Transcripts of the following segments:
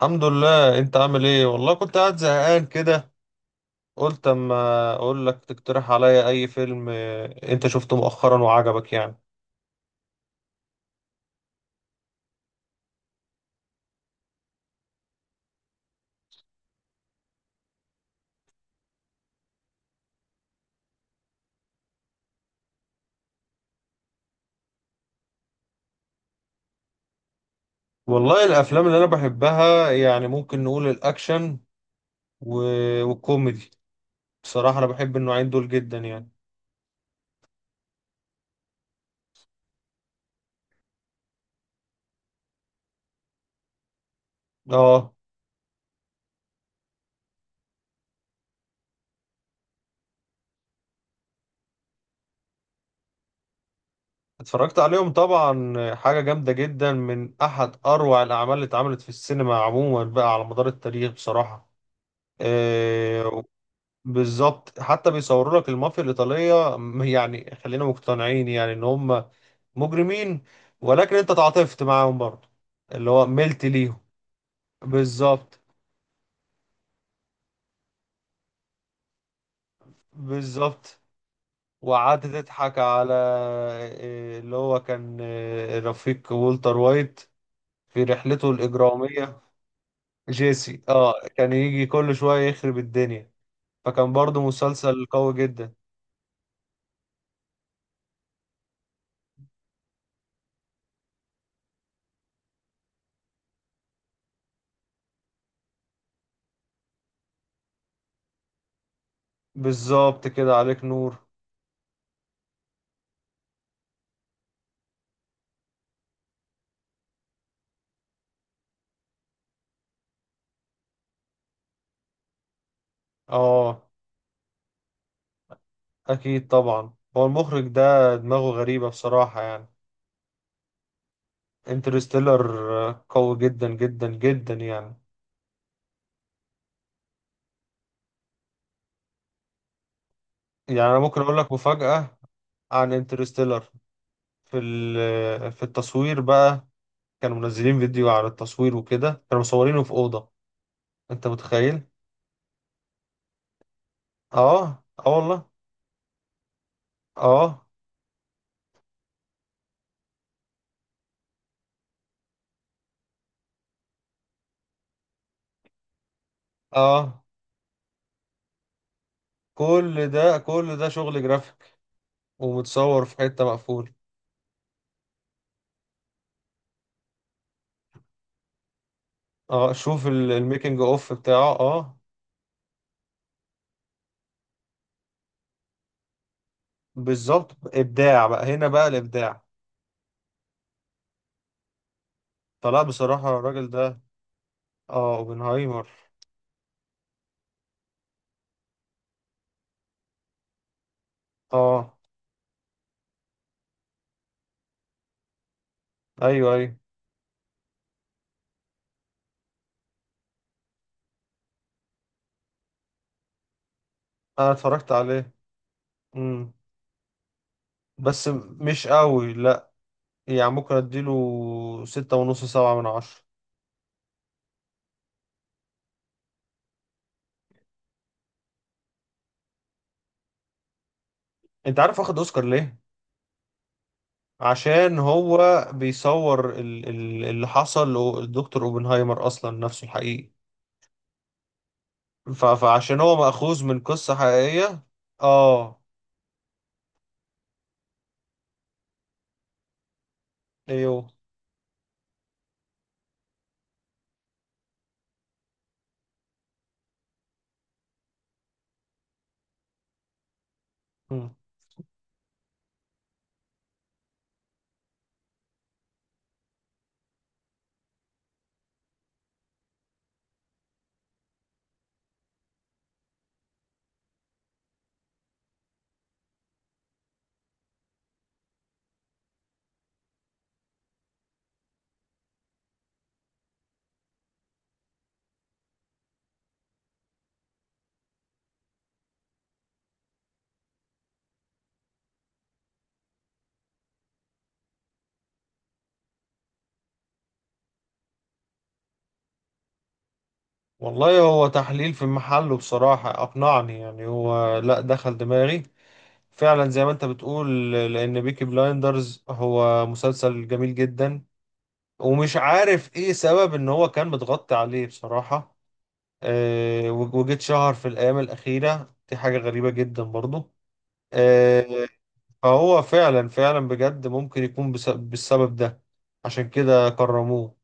الحمد لله. انت عامل ايه؟ والله كنت قاعد زهقان كده، قلت اما اقول لك تقترح عليا اي فيلم. اه، انت شفته مؤخرا وعجبك يعني. والله الافلام اللي انا بحبها يعني ممكن نقول الاكشن و- والكوميدي. بصراحة انا بحب النوعين دول جدا يعني. اه. اتفرجت عليهم طبعا. اه، حاجة جامدة جدا، من احد اروع الاعمال اللي اتعملت في السينما عموما بقى على مدار التاريخ بصراحة. اه، بالظبط، حتى بيصوروا لك المافيا الإيطالية، يعني خلينا مقتنعين يعني إن هم مجرمين، ولكن أنت تعاطفت معاهم برضه، اللي هو ملت ليهم. بالظبط بالظبط. وقعدت تضحك على اللي هو كان، رفيق والتر وايت في رحلته الإجرامية. جيسي، كان يجي كل شوية يخرب الدنيا. فكان برضه مسلسل قوي جدا. بالظبط، كده عليك نور. اه، أكيد طبعا. هو المخرج ده دماغه غريبة بصراحة يعني. انترستيلر، قوي جدا جدا جدا يعني. يعني أنا ممكن أقول لك مفاجأة عن انترستيلر. في ال- آه، في التصوير بقى، كانوا منزلين فيديو عن التصوير وكده، كانوا مصورينه في أوضة. أنت متخيل؟ آه، آه، والله. آه. آه كل ده، كل ده شغل جرافيك ومتصور في حتة مقفولة. آه، شوف الميكنج أوف بتاعه. آه. بالظبط، إبداع بقى. هنا بقى الإبداع. فلا بصراحة الراجل ده. اه، اوبنهايمر. اه، ايوه ايوه. انا اتفرجت عليه. امم بس مش قوي، لا. يعني ممكن اديله 6.5، 7/10. انت عارف واخد اوسكار ليه؟ عشان هو بيصور اللي حصل للدكتور اوبنهايمر اصلا، نفسه الحقيقي. فعشان هو مأخوذ من قصة حقيقية. اه. ايوه. مم. والله هو تحليل في محله بصراحة، اقنعني يعني، هو لا دخل دماغي فعلا زي ما انت بتقول. لان بيكي بلايندرز هو مسلسل جميل جدا، ومش عارف ايه سبب ان هو كان متغطي عليه بصراحة. وجيت شهر في الايام الاخيرة دي، حاجة غريبة جدا برضو. آه، فهو فعلا فعلا بجد ممكن يكون بالسبب ده. عشان كده كرموه.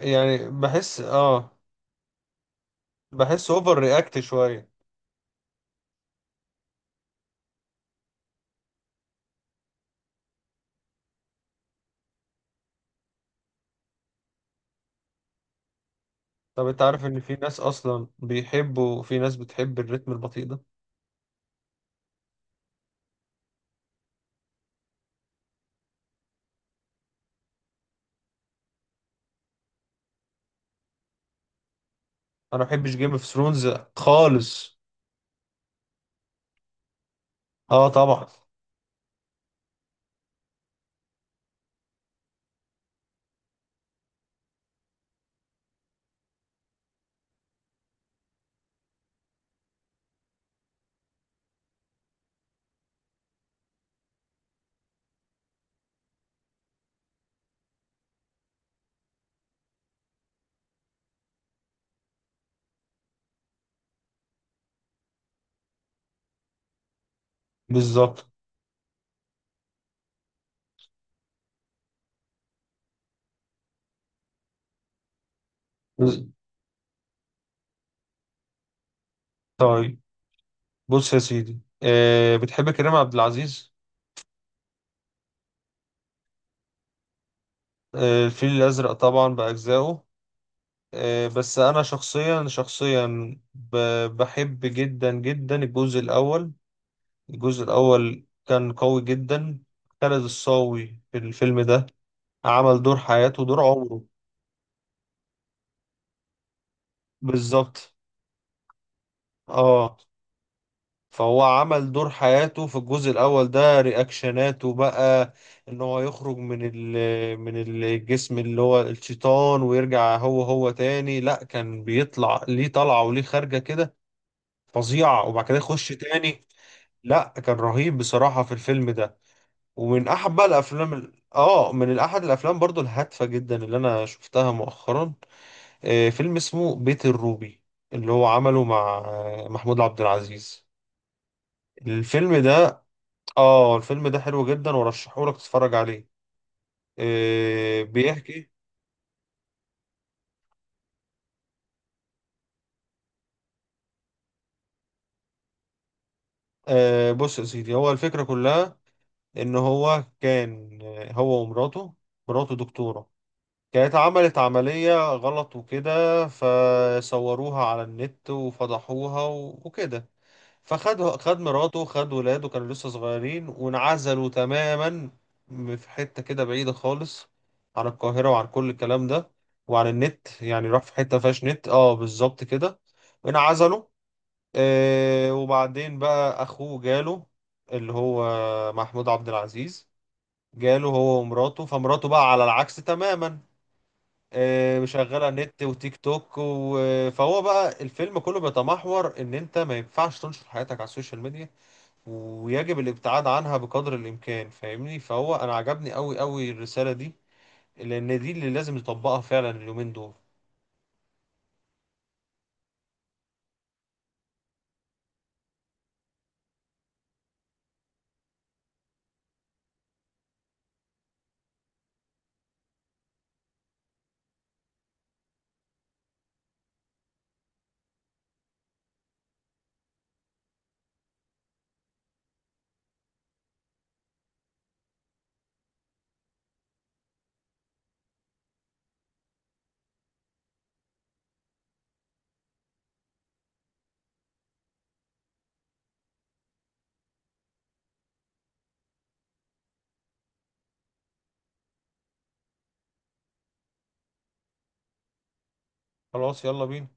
يعني بحس اه. بحس اوفر رياكت شوية. طب انت عارف ان في ناس اصلا بيحبوا، في ناس بتحب الريتم البطيء ده. انا ما بحبش جيم اوف ثرونز خالص. اه، طبعا. بالظبط. بز- طيب، بص يا سيدي، بتحب كريم عبد العزيز؟ آه، الفيل الازرق طبعا باجزائه. بس انا شخصيا، شخصيا، بحب جدا جدا الجزء الاول. الجزء الاول كان قوي جدا. خالد الصاوي في الفيلم ده عمل دور حياته، دور عمره. بالظبط. اه. فهو عمل دور حياته في الجزء الأول ده، رياكشناته بقى إن هو يخرج من من الجسم اللي هو الشيطان، ويرجع هو هو تاني. لأ، كان بيطلع ليه طلعة وليه خارجة كده فظيعة، وبعد كده يخش تاني. لأ، كان رهيب بصراحة في الفيلم ده. ومن أحب بقى الأفلام، من أحد الأفلام برضو الهادفة جدا اللي أنا شفتها مؤخرا، فيلم اسمه بيت الروبي، اللي هو عمله مع محمود عبد العزيز. الفيلم ده. اه الفيلم ده حلو جدا، ورشحهولك تتفرج عليه. بيحكي. بص يا سيدي، هو الفكرة كلها ان هو كان، هو ومراته. مراته دكتورة، كانت عملت عملية غلط وكده، فصوروها على النت وفضحوها و- وكده. فخد، خد مراته، خد ولاده كانوا لسه صغيرين، وانعزلوا تماما في حتة كده بعيدة خالص عن القاهرة، وعن كل الكلام ده، وعن النت. يعني راح في حتة فيهاش نت. اه بالظبط كده، انعزلوا. وبعدين بقى أخوه جاله، اللي هو محمود عبد العزيز، جاله هو ومراته، فمراته بقى على العكس تماما، شغالة نت وتيك توك و... فهو بقى، الفيلم كله بيتمحور ان انت ما ينفعش تنشر حياتك على السوشيال ميديا، ويجب الابتعاد عنها بقدر الامكان، فاهمني؟ فهو انا عجبني قوي قوي الرسالة دي، لان دي اللي لازم نطبقها فعلا اليومين دول. خلاص، يلا بينا.